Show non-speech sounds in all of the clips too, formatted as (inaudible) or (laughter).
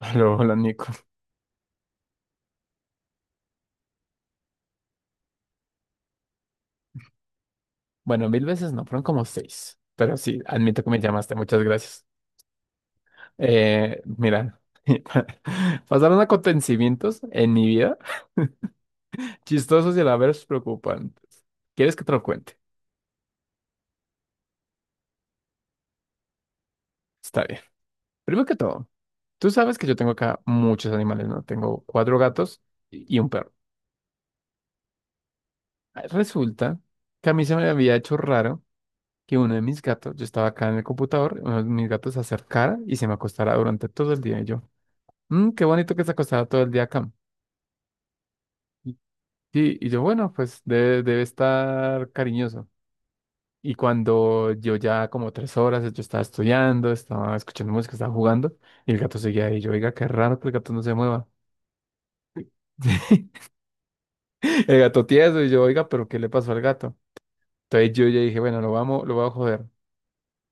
(laughs) Hola, hola, Nico. Bueno, mil veces no, fueron como seis. Pero sí, admito que me llamaste, muchas gracias. Mira, (laughs) pasaron acontecimientos en mi vida chistosos y a la vez preocupantes. ¿Quieres que te lo cuente? Está bien. Primero que todo, tú sabes que yo tengo acá muchos animales, ¿no? Tengo cuatro gatos y un perro. Resulta que a mí se me había hecho raro que uno de mis gatos, yo estaba acá en el computador, uno de mis gatos se acercara y se me acostara durante todo el día y yo. Qué bonito que se acostaba todo el día acá. Y- Sí, y yo, bueno, pues debe estar cariñoso. Y cuando yo ya como 3 horas, yo estaba estudiando, estaba escuchando música, estaba jugando, y el gato seguía ahí. Yo, oiga, qué raro que el gato no se mueva. (laughs) El gato tieso, y yo, oiga, pero ¿qué le pasó al gato? Entonces yo ya dije, bueno, lo voy a joder.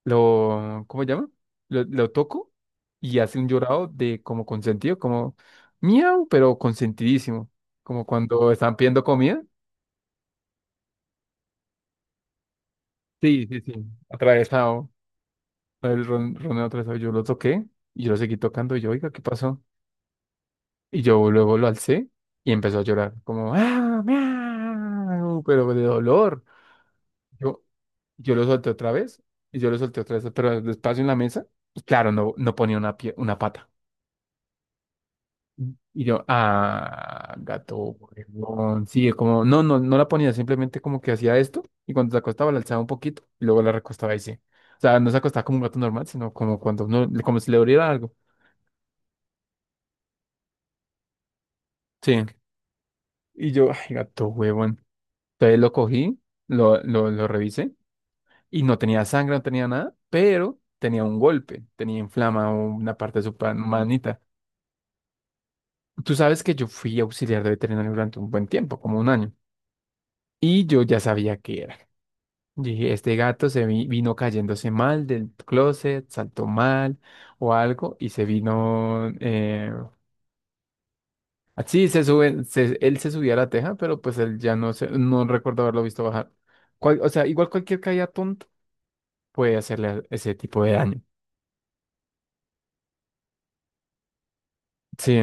Lo, ¿cómo se llama? Lo toco y hace un llorado de como consentido, como miau, pero consentidísimo. Como cuando están pidiendo comida. Sí, sí, sí. Atravesado. El roneo atravesado. Yo lo toqué y yo lo seguí tocando. Y yo, oiga, ¿qué pasó? Y yo luego lo alcé y empezó a llorar. Como, ¡ah! Miau", pero de dolor. Yo, yo lo solté otra vez y yo lo solté otra vez, pero despacio en la mesa. Y claro, no ponía una pata. Y yo, ah, gato, huevón. Sí, como, no la ponía, simplemente como que hacía esto y cuando se acostaba la alzaba un poquito y luego la recostaba y sí. O sea, no se acostaba como un gato normal, sino como cuando uno, como si le doliera algo. Sí. Y yo, ay, gato, huevón. Entonces lo cogí, lo revisé y no tenía sangre, no tenía nada, pero tenía un golpe, tenía inflama una parte de su manita. Tú sabes que yo fui auxiliar de veterinario durante un buen tiempo, como un año, y yo ya sabía qué era. Y este gato se vino cayéndose mal del closet, saltó mal o algo y se vino. Así se sube, él se subía a la teja, pero pues él ya no, no recuerdo haberlo visto bajar. O sea, igual cualquier caída tonta puede hacerle ese tipo de daño. Sí,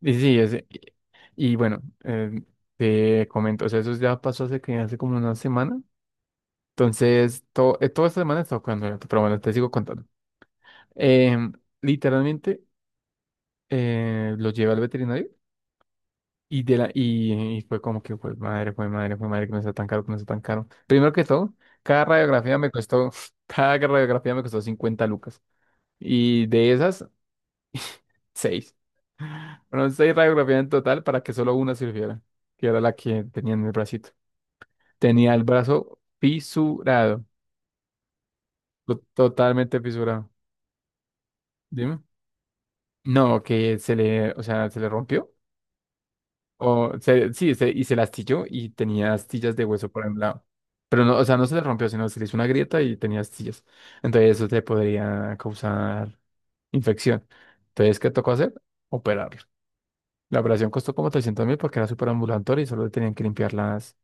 y sí, y bueno, te comento, o sea, eso ya pasó hace, hace como una semana. Entonces, toda esta semana he estado jugando gato, pero bueno, te sigo contando. Em, Literalmente, lo llevé al veterinario y fue como que fue madre, que me está tan caro, que me está tan caro. Primero que todo, cada radiografía me costó, (laughs) cada radiografía me costó 50 lucas. Y de esas, seis. Fueron seis radiografías en total para que solo una sirviera, que era la que tenía en el bracito. Tenía el brazo fisurado, totalmente fisurado. Dime. No, que se le, o sea, se le rompió. Sí, y se la astilló y tenía astillas de hueso por un lado. Pero no, o sea, no se le rompió, sino se le hizo una grieta y tenía astillas. Entonces eso te podría causar infección. Entonces, ¿qué tocó hacer? Operarlo. La operación costó como 300.000 porque era súper ambulatorio y solo le tenían que limpiar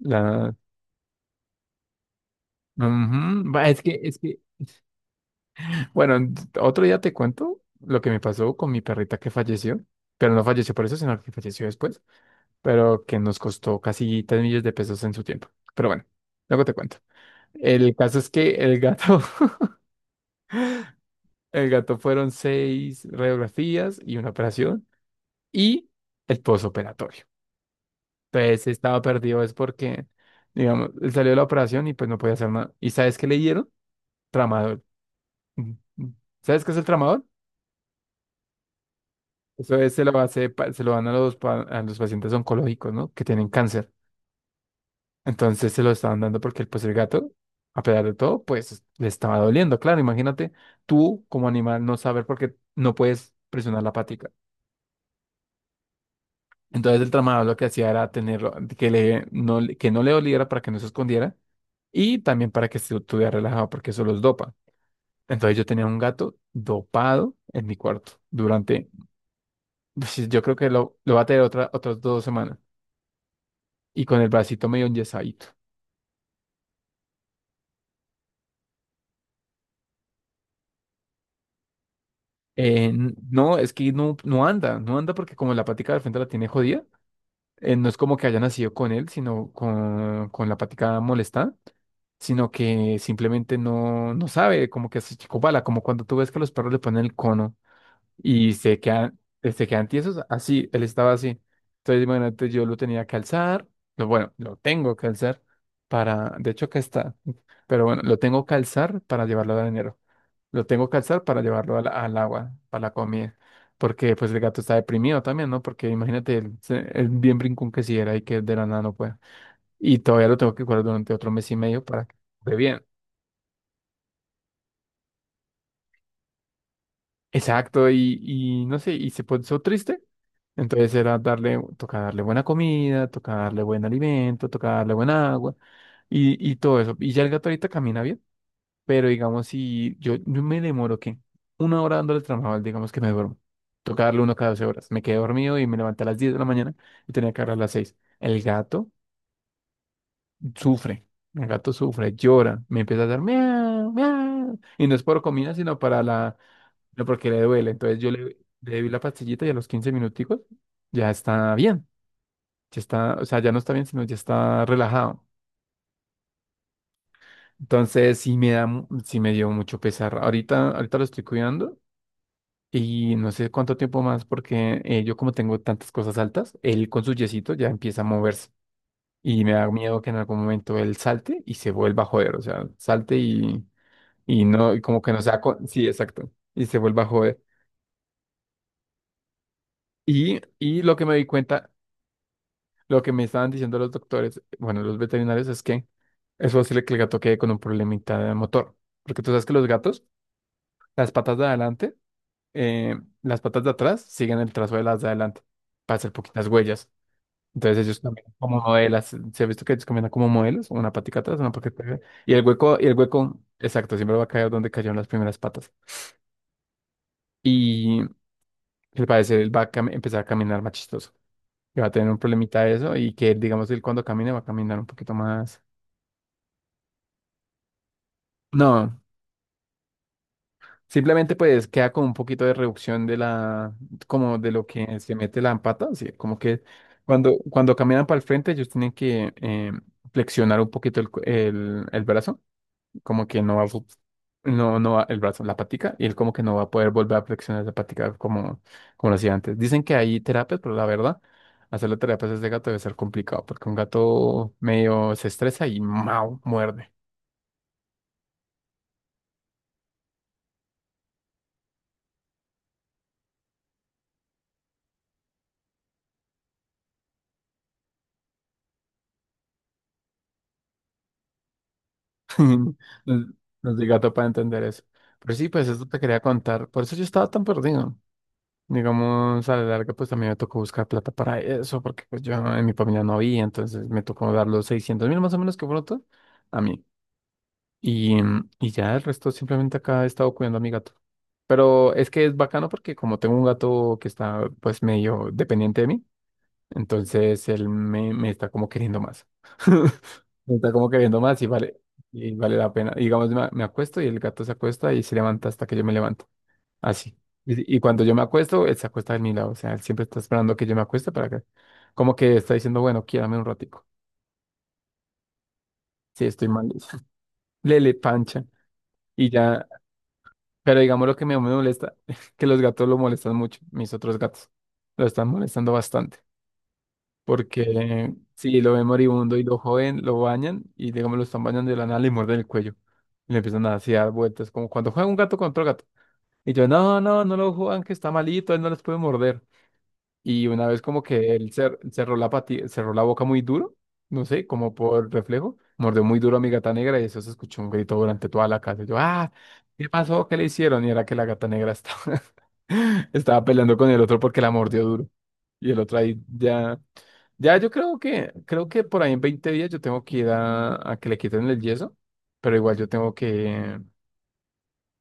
las... Ujú. Va, Es que... Bueno, otro día te cuento lo que me pasó con mi perrita que falleció. Pero no falleció por eso, sino que falleció después. Pero que nos costó casi 3 millones de pesos en su tiempo. Pero bueno, luego te cuento. El caso es que el gato, (laughs) el gato fueron seis radiografías y una operación y el posoperatorio. Entonces estaba perdido, es porque, digamos, él salió de la operación y pues no podía hacer nada. ¿Y sabes qué le dieron? Tramadol. Mm, mm. ¿Sabes qué es el tramadol? Eso es, se lo dan a a los pacientes oncológicos, ¿no? Que tienen cáncer. Entonces se lo estaban dando porque pues el gato, a pesar de todo, pues le estaba doliendo. Claro, imagínate tú como animal no saber por qué no puedes presionar la patica. Entonces el tramador lo que hacía era tenerlo, que no le doliera para que no se escondiera y también para que se estuviera relajado porque eso los dopa. Entonces yo tenía un gato dopado en mi cuarto durante, pues, yo creo que lo va a tener otras 2 semanas y con el bracito medio enyesado. No, es que no anda, no anda porque como la patica del frente la tiene jodida, no es como que haya nacido con él, sino con la patica molesta, sino que simplemente no sabe, como que se chicopala, como cuando tú ves que los perros le ponen el cono y se quedan tiesos, así, él estaba así. Entonces, imagínate, yo lo tenía que alzar, bueno, lo tengo que alzar para, de hecho acá está, pero bueno, lo tengo que alzar para llevarlo al dinero, lo tengo que alzar para llevarlo al, al agua, para la comida. Porque pues el gato está deprimido también, ¿no? Porque imagínate el bien brincón que si era y que de la nada no pueda. Y todavía lo tengo que cuidar durante otro mes y medio para que esté bien. Exacto, y no sé, y se puso triste. Entonces era darle, toca darle buena comida, toca darle buen alimento, toca darle buen agua y todo eso. Y ya el gato ahorita camina bien. Pero digamos, si yo, yo me demoro, ¿qué? Una hora dándole trabajo, digamos que me duermo. Toca darle uno cada 12 horas. Me quedé dormido y me levanté a las 10 de la mañana y tenía que hablar a las 6. El gato sufre. El gato sufre, llora, me empieza a dar miau, miau. Y no es por comida, sino para la, no porque le duele. Entonces yo le di la pastillita y a los 15 minuticos ya está bien. Ya está, o sea, ya no está bien, sino ya está relajado. Entonces sí me dio mucho pesar. Ahorita lo estoy cuidando. Y no sé cuánto tiempo más, porque yo como tengo tantas cosas altas, él con su yesito ya empieza a moverse. Y me da miedo que en algún momento él salte y se vuelva a joder. O sea, salte y no, y como que no sea. Sí, exacto. Y se vuelva a joder. Y lo que me di cuenta, lo que me estaban diciendo los doctores, bueno, los veterinarios, es que es posible que el gato quede con un problemita de motor. Porque tú sabes que los gatos, las patas de adelante, las patas de atrás siguen el trazo de las de adelante para hacer poquitas huellas. Entonces ellos también como modelos. Se ha visto que ellos caminan como modelos, una patica atrás, y el hueco, exacto, siempre va a caer donde cayeron las primeras patas. Y al parecer él va a empezar a caminar más chistoso, que va a tener un problemita de eso, y que digamos él cuando camine va a caminar un poquito más. No, simplemente pues queda con un poquito de reducción de la, como de lo que se mete la pata, así como que cuando, cuando caminan para el frente ellos tienen que flexionar un poquito el, el brazo, como que no va a, no va el brazo, la patica, y él como que no va a poder volver a flexionar la patica como lo hacía antes. Dicen que hay terapias, pero la verdad, hacerle terapias a ese gato debe ser complicado, porque un gato medio se estresa y ¡mau! Muerde. (laughs) No no, soy gato para entender eso. Pero sí, pues eso te quería contar. Por eso yo estaba tan perdido. Digamos, a la larga, pues también me tocó buscar plata para eso, porque pues yo en mi familia no había, entonces me tocó dar los 600.000 más o menos que fueron todos a mí. Y ya el resto, simplemente acá he estado cuidando a mi gato. Pero es que es bacano porque como tengo un gato que está pues medio dependiente de mí, entonces él me, está como queriendo más. (laughs) Me está como queriendo más y vale la pena. Digamos, me acuesto y el gato se acuesta y se levanta hasta que yo me levanto. Así. Y cuando yo me acuesto, él se acuesta de mi lado. O sea, él siempre está esperando que yo me acueste para que, como que está diciendo, bueno, quiérame un ratico. Sí, estoy mal. (laughs) Lele, pancha. Y ya. Pero digamos lo que me molesta, (laughs) que los gatos lo molestan mucho, mis otros gatos. Lo están molestando bastante. Porque si lo ven moribundo y lo joden, lo bañan y digamos lo están bañando de la nada, le muerden el cuello. Y le empiezan a así a dar vueltas, como cuando juega un gato con otro gato. Y yo, no, no, no lo jodan, que está malito, él no les puede morder. Y una vez como que él cerró la boca muy duro, no sé, como por reflejo, mordió muy duro a mi gata negra y eso se escuchó un grito durante toda la casa. Yo, ah, ¿qué pasó? ¿Qué le hicieron? Y era que la gata negra estaba, (laughs) estaba peleando con el otro porque la mordió duro. Y el otro ahí ya yo creo que, por ahí en 20 días yo tengo que ir a que le quiten el yeso, pero igual yo tengo que,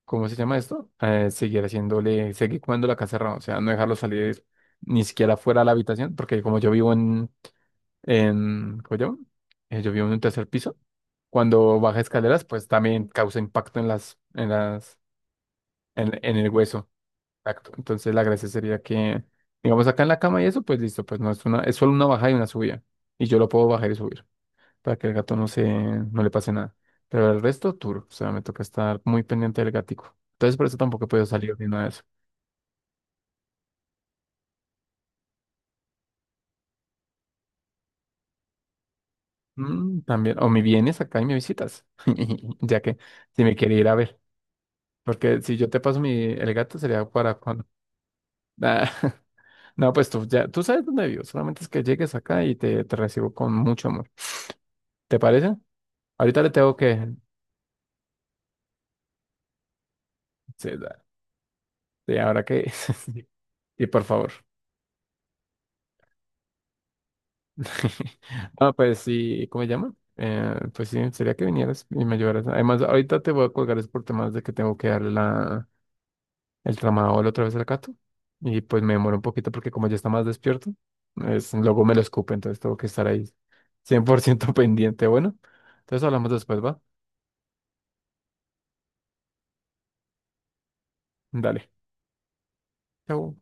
¿cómo se llama esto? Seguir haciéndole, seguir comiendo la casa cerrada, o sea, no dejarlo salir ni siquiera fuera de la habitación, porque como yo vivo en, ¿cómo se llama? Yo vivo en un tercer piso, cuando baja escaleras, pues también causa impacto en el hueso. Exacto. Entonces la gracia sería que, digamos, acá en la cama y eso, pues listo, pues no es una, es solo una bajada y una subida, y yo lo puedo bajar y subir para que el gato no se, no le pase nada. Pero el resto, tour, o sea, me toca estar muy pendiente del gatico. Entonces, por eso tampoco puedo salir ni nada de eso. Mm, también, o me vienes acá y me visitas, (laughs) ya que si me quiere ir a ver, porque si yo te paso mi, el gato sería para cuando... Ah, (laughs) no, pues tú sabes dónde vivo, solamente es que llegues acá y te, recibo con mucho amor. ¿Te parece? Ahorita le tengo que... Sí, sí, ahora que... (laughs) Sí, por favor. (laughs) Ah, pues sí, ¿cómo se llama? Pues sí, sería que vinieras y me ayudaras. Además, ahorita te voy a colgar es por temas de que tengo que darle la, el tramadol otra vez al gato. Y pues me demoro un poquito porque como ya está más despierto, es, luego me lo escupe, entonces tengo que estar ahí 100% (laughs) pendiente. Bueno, entonces hablamos después, ¿va? Dale. Chau.